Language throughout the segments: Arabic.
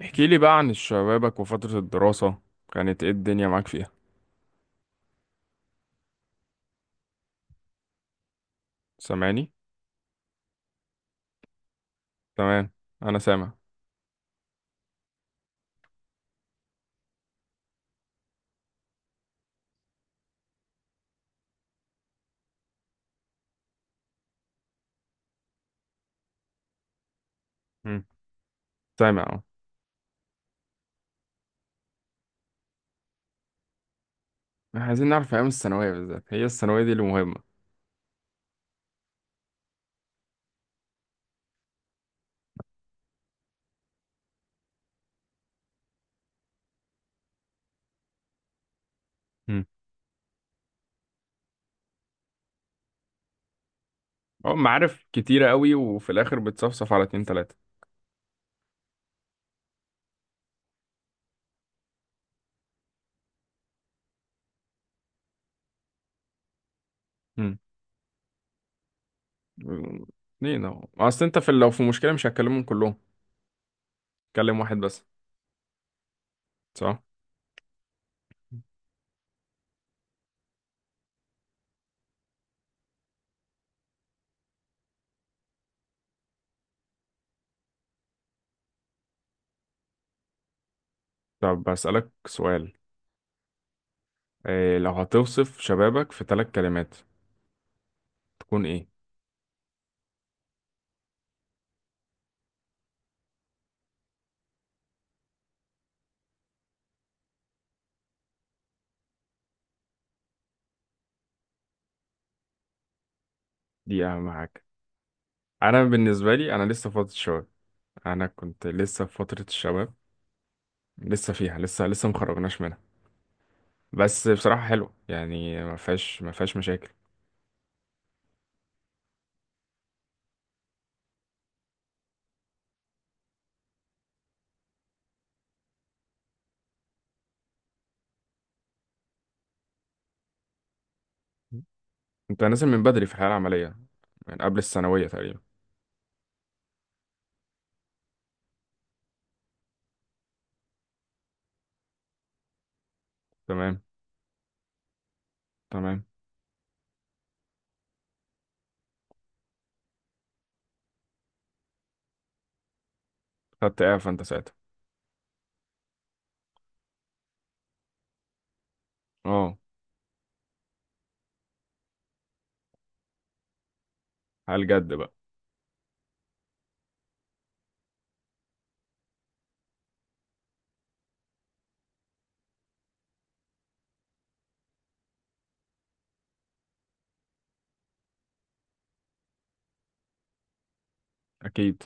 احكي لي بقى عن شبابك وفترة الدراسة. كانت ايه الدنيا معاك فيها؟ سامعني؟ تمام، انا سامع. مم. سامع اهو. احنا عايزين نعرف ايام الثانوية بالذات، هي الثانوية دي اللي مهمة. مم. اه، معارف كتيرة قوي وفي الاخر بتصفصف على اتنين تلاتة. مم. مم. اتنين اهو، اصل انت في، لو في مشكلة مش هتكلمهم كلهم، تكلم واحد بس. صح. طب بسألك سؤال، إيه لو هتوصف شبابك في ثلاث كلمات تكون ايه؟ دي اهم حاجة. انا بالنسبة لي انا لسه فاضي شباب، انا كنت لسه في فترة الشباب، لسه فيها، لسه مخرجناش منها. بس بصراحة حلوة، يعني ما فيهاش مشاكل. انت نازل من بدري في الحياة العملية، من قبل الثانوية تقريبا. تمام، تمام. خدت اعفاء انت ساعتها؟ اه. على الجد بقى. اكيد.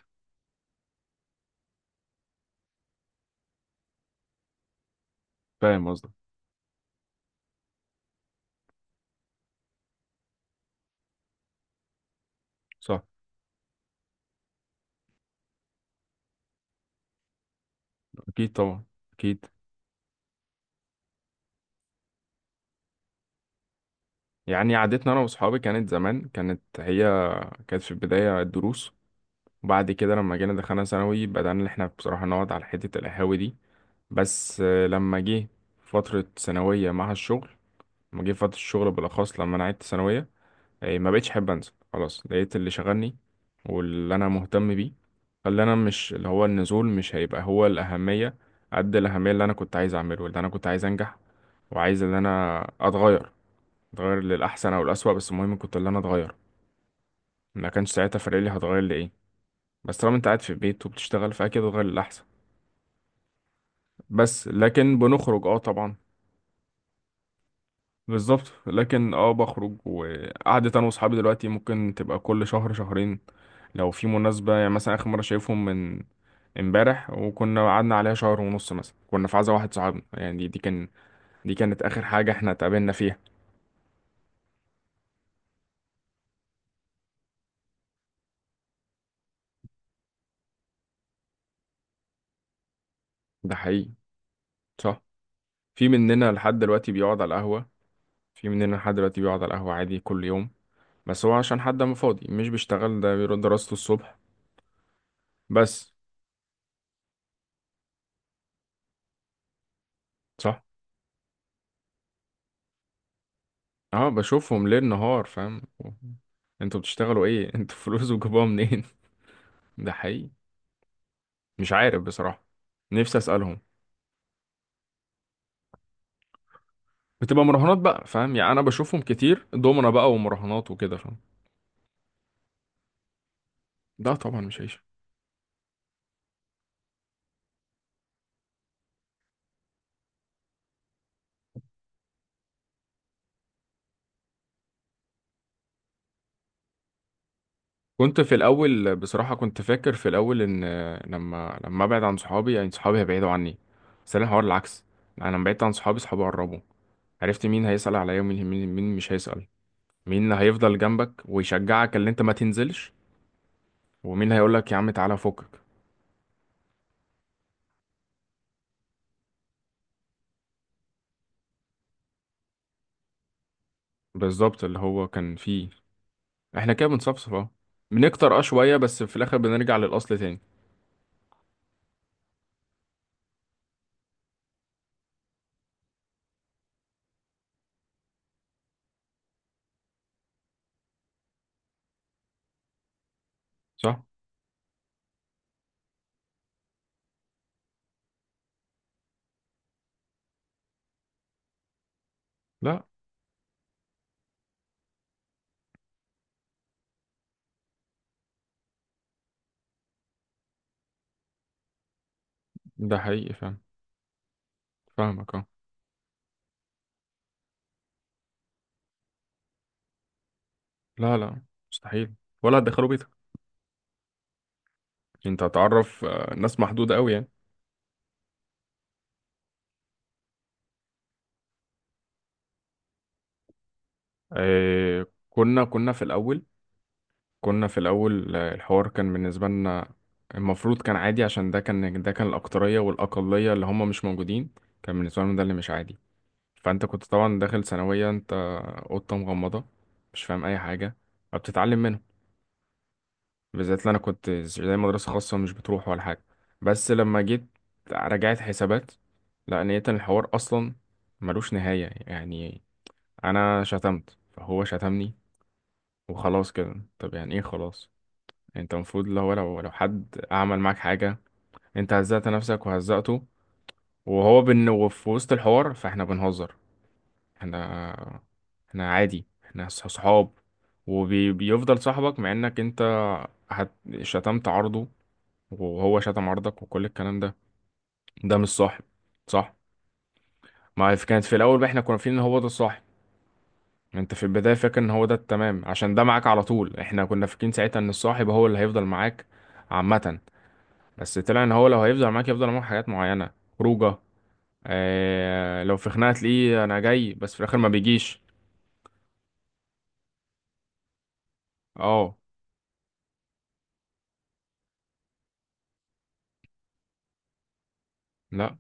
فاهم قصدك. صح. اكيد طبعا. اكيد. يعني عادتنا انا واصحابي كانت زمان، كانت هي كانت في البداية الدروس، وبعد كده لما جينا دخلنا ثانوي بدأنا ان احنا بصراحة نقعد على حتة القهاوي دي. بس لما جه فترة ثانوية مع الشغل، لما جه فترة الشغل بالأخص لما أنا عدت ثانوية، ما بقتش أحب أنزل خلاص، لقيت اللي شغلني واللي أنا مهتم بيه. خلي أنا، مش اللي هو النزول مش هيبقى هو الأهمية قد الأهمية اللي أنا كنت عايز أعمله، اللي أنا كنت عايز أنجح وعايز إن أنا أتغير. أتغير للأحسن أو الأسوأ، بس المهم كنت اللي أنا أتغير. ما كانش ساعتها فارق لي هتغير لإيه، بس طالما أنت قاعد في البيت وبتشتغل فأكيد هتغير للأحسن. بس لكن بنخرج اه طبعا. بالظبط، لكن اه بخرج، وقعدة انا واصحابي دلوقتي ممكن تبقى كل شهر شهرين، لو في مناسبة. يعني مثلا اخر مرة شايفهم من امبارح، وكنا قعدنا عليها شهر ونص مثلا. كنا في عزا واحد صاحبنا، يعني دي كانت اخر حاجة احنا اتقابلنا فيها. ده حقيقي. صح. في مننا لحد دلوقتي بيقعد على القهوة، في مننا لحد دلوقتي بيقعد على القهوة عادي كل يوم، بس هو عشان حد ما فاضي مش بيشتغل، ده بيروح دراسته الصبح. بس. صح. اه، بشوفهم ليل نهار، فاهم. انتوا بتشتغلوا ايه انتوا فلوس وجابوها منين؟ ده حقيقي، مش عارف بصراحة. نفسي اسألهم. بتبقى مراهنات بقى، فاهم، يعني انا بشوفهم كتير، دومنا بقى ومراهنات وكده، فاهم. ده طبعا مش عيش. كنت في الاول بصراحة، كنت فاكر في الاول ان لما ابعد عن صحابي يعني صحابي هيبعدوا عني، بس انا الحوار العكس. انا لما بعدت عن صحابي صحابي قربوا، عرفت مين هيسأل عليا، ومين مين مش هيسأل، مين اللي هيفضل جنبك ويشجعك اللي انت ما تنزلش، ومين هيقولك يا عم تعالى فكك. بالظبط اللي هو كان فيه. احنا كده بنصفصف اهو، بنكتر اه شوية بس في الآخر بنرجع للأصل تاني. صح؟ لا. ده حقيقي، فاهم. فاهمك اه. لا لا، مستحيل، ولا هتدخلوا بيتك. انت هتعرف ناس محدودة قوي يعني. آه، كنا في الأول، كنا في الأول الحوار كان بالنسبة لنا المفروض كان عادي، عشان ده كان، ده كان الأكترية، والأقلية اللي هم مش موجودين كان بالنسبة لهم ده اللي مش عادي. فانت كنت طبعا داخل ثانوية انت قطة مغمضة مش فاهم اي حاجة، فبتتعلم منهم. بالذات اللي انا كنت زي مدرسة خاصة مش بتروح ولا حاجة. بس لما جيت رجعت حسابات، لا، لقيت ان الحوار اصلا ملوش نهاية يعني. انا شتمت فهو شتمني، وخلاص كده، طب يعني ايه خلاص؟ انت المفروض لو حد عمل معاك حاجة، انت هزأت نفسك وهزأته. وهو بن، وفي وسط الحوار فاحنا بنهزر، احنا احنا عادي، احنا صحاب، وبيفضل صاحبك مع انك انت هت... شتمت عرضه وهو شتم عرضك وكل الكلام ده. ده مش صاحب. صح. ما في- كانت في الاول بقى احنا كنا فاكرين ان هو ده الصاحب، انت في البداية فاكر ان هو ده التمام عشان ده معاك على طول، احنا كنا فاكرين ساعتها ان الصاحب هو اللي هيفضل معاك عامة. بس طلع ان هو لو هيفضل معاك يفضل معاك حاجات معينة، خروجه. لو في خناقة تلاقيه انا جاي بس في الاخر ما بيجيش. اه. لا.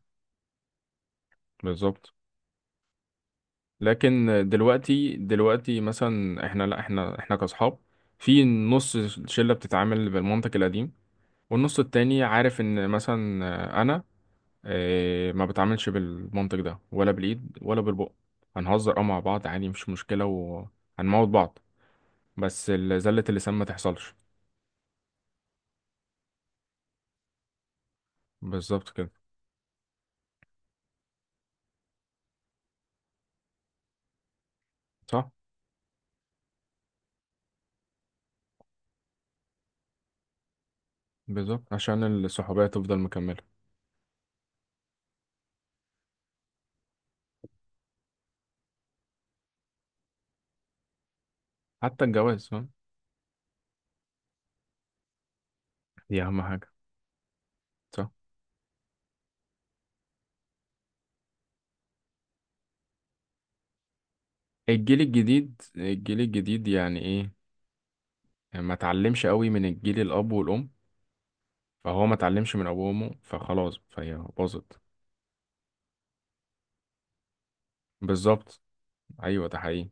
بالظبط. لكن دلوقتي، دلوقتي مثلا احنا، لا، احنا كاصحاب، في نص شله بتتعامل بالمنطق القديم، والنص التاني عارف ان مثلا انا ما بتعاملش بالمنطق ده ولا بالايد ولا بالبق، هنهزر اه مع بعض عادي مش مشكله وهنموت بعض، بس زله اللسان ما تحصلش. بالظبط كده. صح. بالظبط، عشان الصحوبيه تفضل مكمله. حتى الجواز، فاهم. دي اهم حاجه. صح. الجيل الجديد، الجيل الجديد يعني ايه؟ ما اتعلمش قوي من الجيل الاب والام، فهو ما اتعلمش من ابوه وامه، فخلاص فهي باظت. بالظبط. ايوه، ده حقيقي.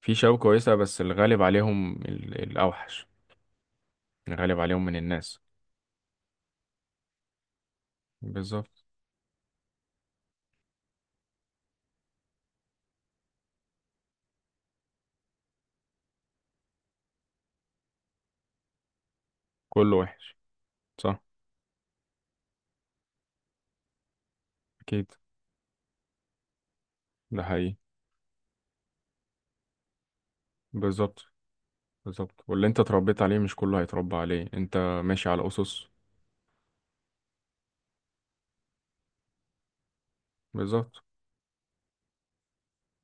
في شباب كويسه بس الغالب عليهم الاوحش، الغالب عليهم من الناس. بالظبط، كله وحش. صح. اكيد. ده حقيقي. بالظبط. بالظبط، واللي انت اتربيت عليه مش كله هيتربى عليه انت. ماشي على اسس. بالظبط،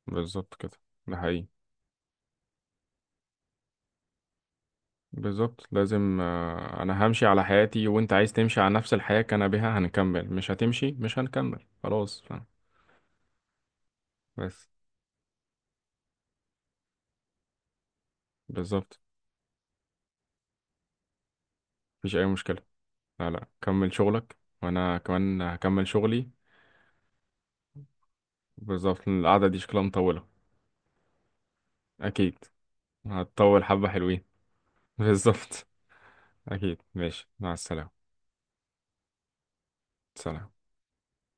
بالظبط كده. ده حقيقي. بالظبط، لازم انا همشي على حياتي، وانت عايز تمشي على نفس الحياة كان بها هنكمل، مش هتمشي مش هنكمل خلاص. بس. بالظبط. مفيش اي مشكلة، لا لا كمل شغلك وانا كمان هكمل شغلي. بالظبط، لأن القعدة دي شكلها مطولة. اكيد هتطول، حبة حلوين. بالظبط. اكيد، ماشي، مع السلامة. سلام.